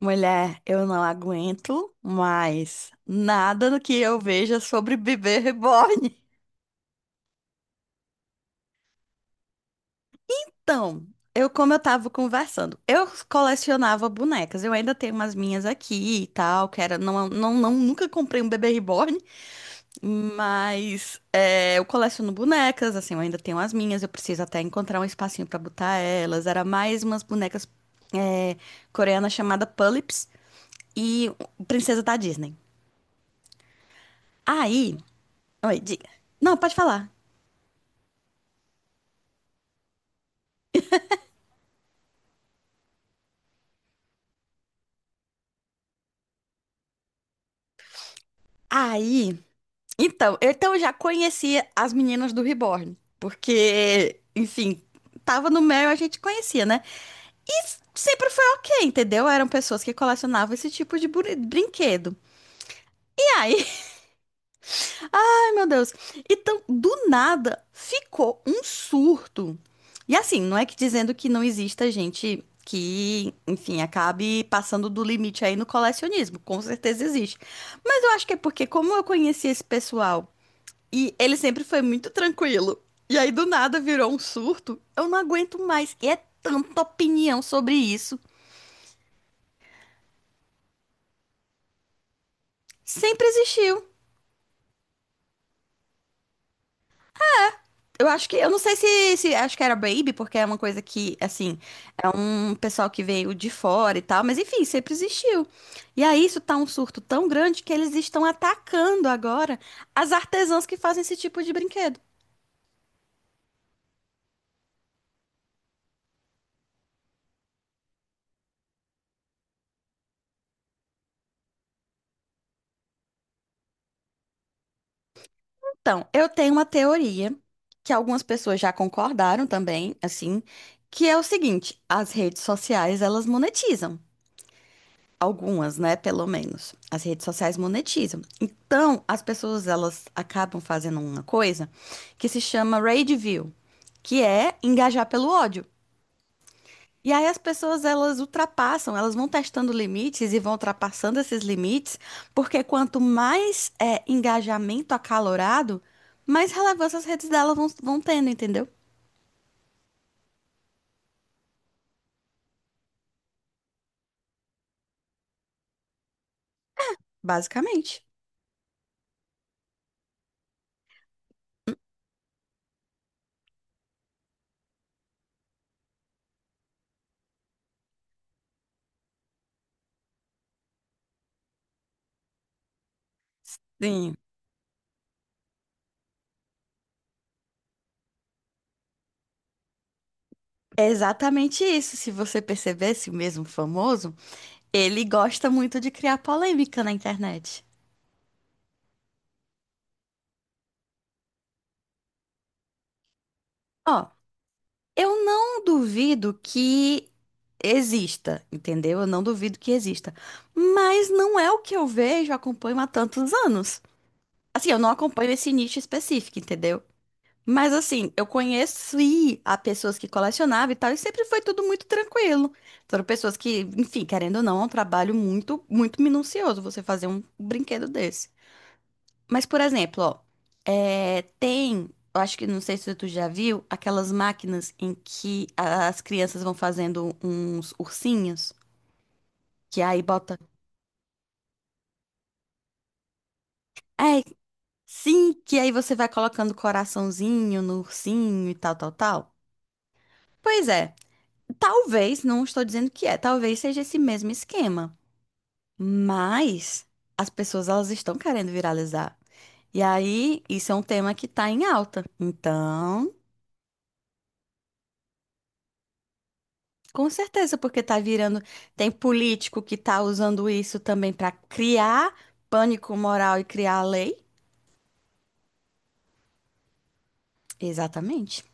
Mulher, eu não aguento mais nada do que eu veja sobre bebê reborn. Então, como eu tava conversando, eu colecionava bonecas. Eu ainda tenho umas minhas aqui e tal, que era, não, não, não, nunca comprei um bebê reborn, mas eu coleciono bonecas, assim, eu ainda tenho as minhas, eu preciso até encontrar um espacinho pra botar elas. Era mais umas bonecas é, coreanas chamada Pullips e Princesa da Disney. Aí, oi, diga. Não, pode falar. Aí, então eu já conhecia as meninas do Reborn, porque, enfim, tava no Mel e a gente conhecia, né? E sempre foi ok, entendeu? Eram pessoas que colecionavam esse tipo de brinquedo. E aí, ai meu Deus, então do nada ficou um surto. E assim, não é que dizendo que não exista gente que, enfim, acabe passando do limite aí no colecionismo, com certeza existe. Mas eu acho que é porque, como eu conheci esse pessoal. E ele sempre foi muito tranquilo. E aí do nada virou um surto. Eu não aguento mais. E é tanta opinião sobre isso. Sempre existiu. Eu acho que, eu não sei se acho que era Baby, porque é uma coisa que, assim, é um pessoal que veio de fora e tal, mas enfim, sempre existiu. E aí isso tá um surto tão grande que eles estão atacando agora as artesãs que fazem esse tipo de brinquedo. Então, eu tenho uma teoria que algumas pessoas já concordaram também, assim, que é o seguinte: as redes sociais elas monetizam. Algumas, né? Pelo menos. As redes sociais monetizam. Então, as pessoas elas acabam fazendo uma coisa que se chama rage view, que é engajar pelo ódio. E aí as pessoas elas ultrapassam, elas vão testando limites e vão ultrapassando esses limites, porque quanto mais é, engajamento acalorado, mais relevância as redes delas vão tendo, entendeu? Basicamente. Sim, é exatamente isso. Se você percebesse o mesmo famoso, ele gosta muito de criar polêmica na internet. Ó, eu não duvido que exista, entendeu? Eu não duvido que exista. Mas não é o que eu vejo, acompanho há tantos anos. Assim, eu não acompanho esse nicho específico, entendeu? Mas assim, eu conheci a pessoas que colecionavam e tal, e sempre foi tudo muito tranquilo. Foram pessoas que, enfim, querendo ou não, é um trabalho muito, muito minucioso você fazer um brinquedo desse. Mas, por exemplo, ó, é, tem, eu acho que não sei se tu já viu, aquelas máquinas em que as crianças vão fazendo uns ursinhos, que aí bota. É, sim, que aí você vai colocando coraçãozinho no ursinho e tal, tal, tal. Pois é, talvez, não estou dizendo que é, talvez seja esse mesmo esquema. Mas as pessoas elas estão querendo viralizar. E aí, isso é um tema que tá em alta. Então, com certeza, porque tá virando. Tem político que tá usando isso também para criar pânico moral e criar lei. Exatamente.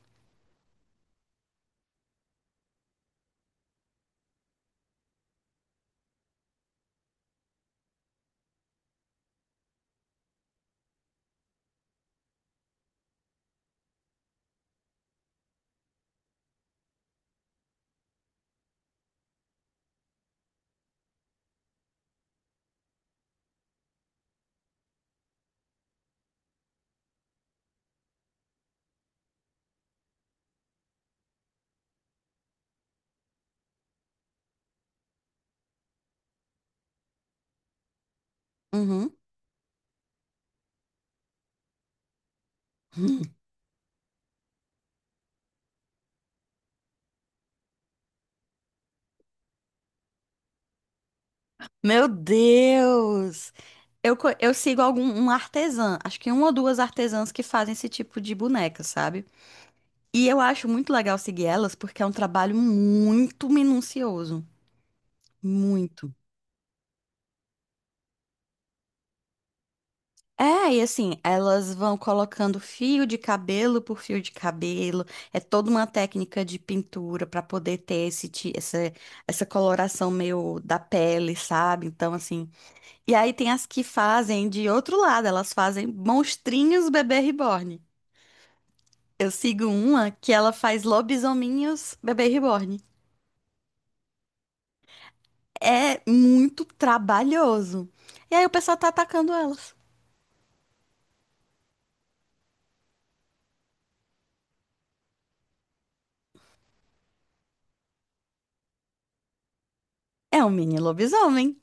Uhum. Hum. Meu Deus! Eu sigo algum um artesã, acho que uma ou duas artesãs que fazem esse tipo de boneca, sabe? E eu acho muito legal seguir elas porque é um trabalho muito minucioso. Muito. É, e assim, elas vão colocando fio de cabelo por fio de cabelo. É toda uma técnica de pintura para poder ter esse, essa coloração meio da pele, sabe? Então, assim. E aí tem as que fazem de outro lado, elas fazem monstrinhos bebê reborn. Eu sigo uma que ela faz lobisominhos bebê reborn. É muito trabalhoso. E aí o pessoal tá atacando elas. É um mini lobisomem.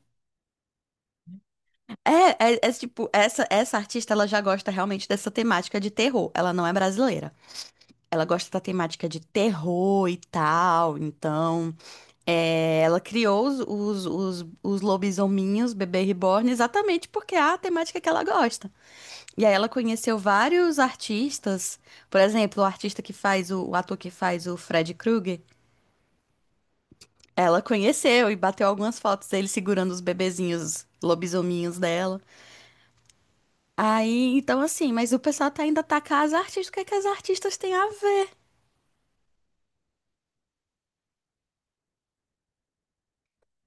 É, tipo, essa artista, ela já gosta realmente dessa temática de terror. Ela não é brasileira. Ela gosta da temática de terror e tal. Então, é, ela criou os lobisominhos, Bebê Reborn, exatamente porque é a temática que ela gosta. E aí ela conheceu vários artistas. Por exemplo, o artista que faz, o ator que faz o Fred Krueger. Ela conheceu e bateu algumas fotos dele segurando os bebezinhos lobisominhos dela. Aí, então assim, mas o pessoal tá ainda atacar as artistas, o que é que as artistas têm a ver?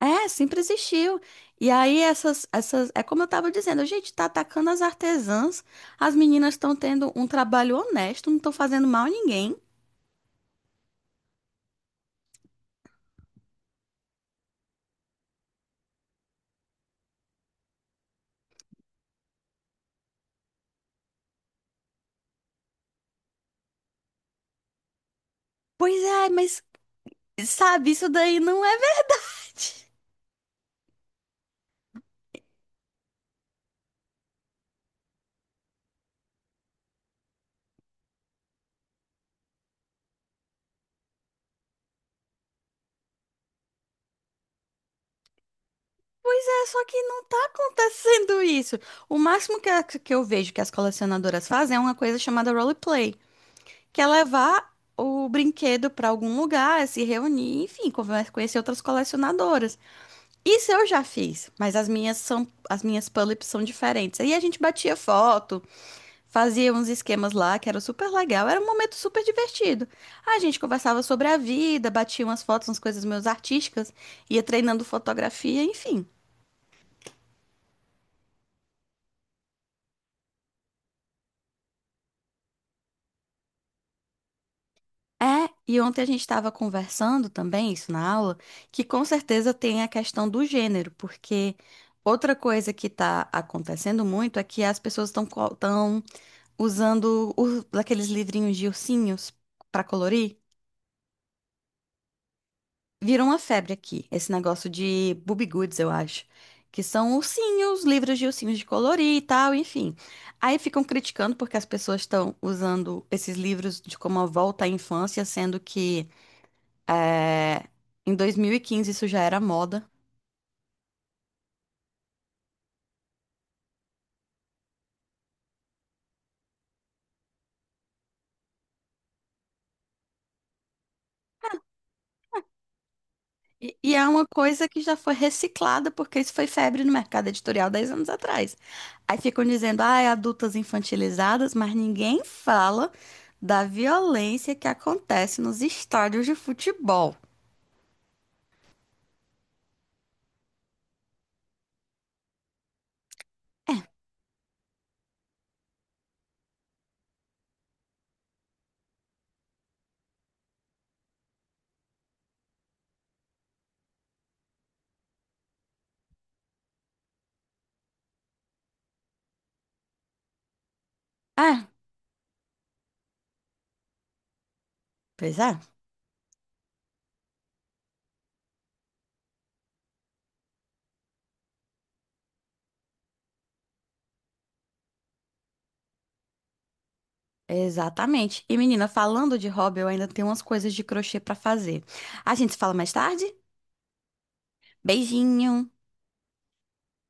É, sempre existiu. E aí essas, é como eu tava dizendo, a gente tá atacando as artesãs, as meninas estão tendo um trabalho honesto, não estão fazendo mal a ninguém. Pois é, mas sabe, isso daí não é verdade. Pois é, só que não tá acontecendo isso. O máximo que, que eu vejo que as colecionadoras fazem é uma coisa chamada roleplay, que é levar o brinquedo para algum lugar, se reunir, enfim, conhecer outras colecionadoras. Isso eu já fiz, mas as minhas são, as minhas Pullips são diferentes. Aí a gente batia foto, fazia uns esquemas lá, que era super legal, era um momento super divertido. A gente conversava sobre a vida, batia umas fotos, umas coisas meus artísticas, ia treinando fotografia, enfim. É, e ontem a gente estava conversando também, isso na aula, que com certeza tem a questão do gênero, porque outra coisa que está acontecendo muito é que as pessoas estão usando aqueles livrinhos de ursinhos para colorir. Virou uma febre aqui, esse negócio de Boobie Goods, eu acho, que são ursinhos, livros de ursinhos de colorir e tal, enfim. Aí ficam criticando porque as pessoas estão usando esses livros de como a volta à infância, sendo que é, em 2015 isso já era moda. E é uma coisa que já foi reciclada, porque isso foi febre no mercado editorial 10 anos atrás. Aí ficam dizendo, ah, é adultas infantilizadas, mas ninguém fala da violência que acontece nos estádios de futebol. Ah, pois é. Exatamente. E menina, falando de hobby, eu ainda tenho umas coisas de crochê pra fazer. A gente se fala mais tarde? Beijinho!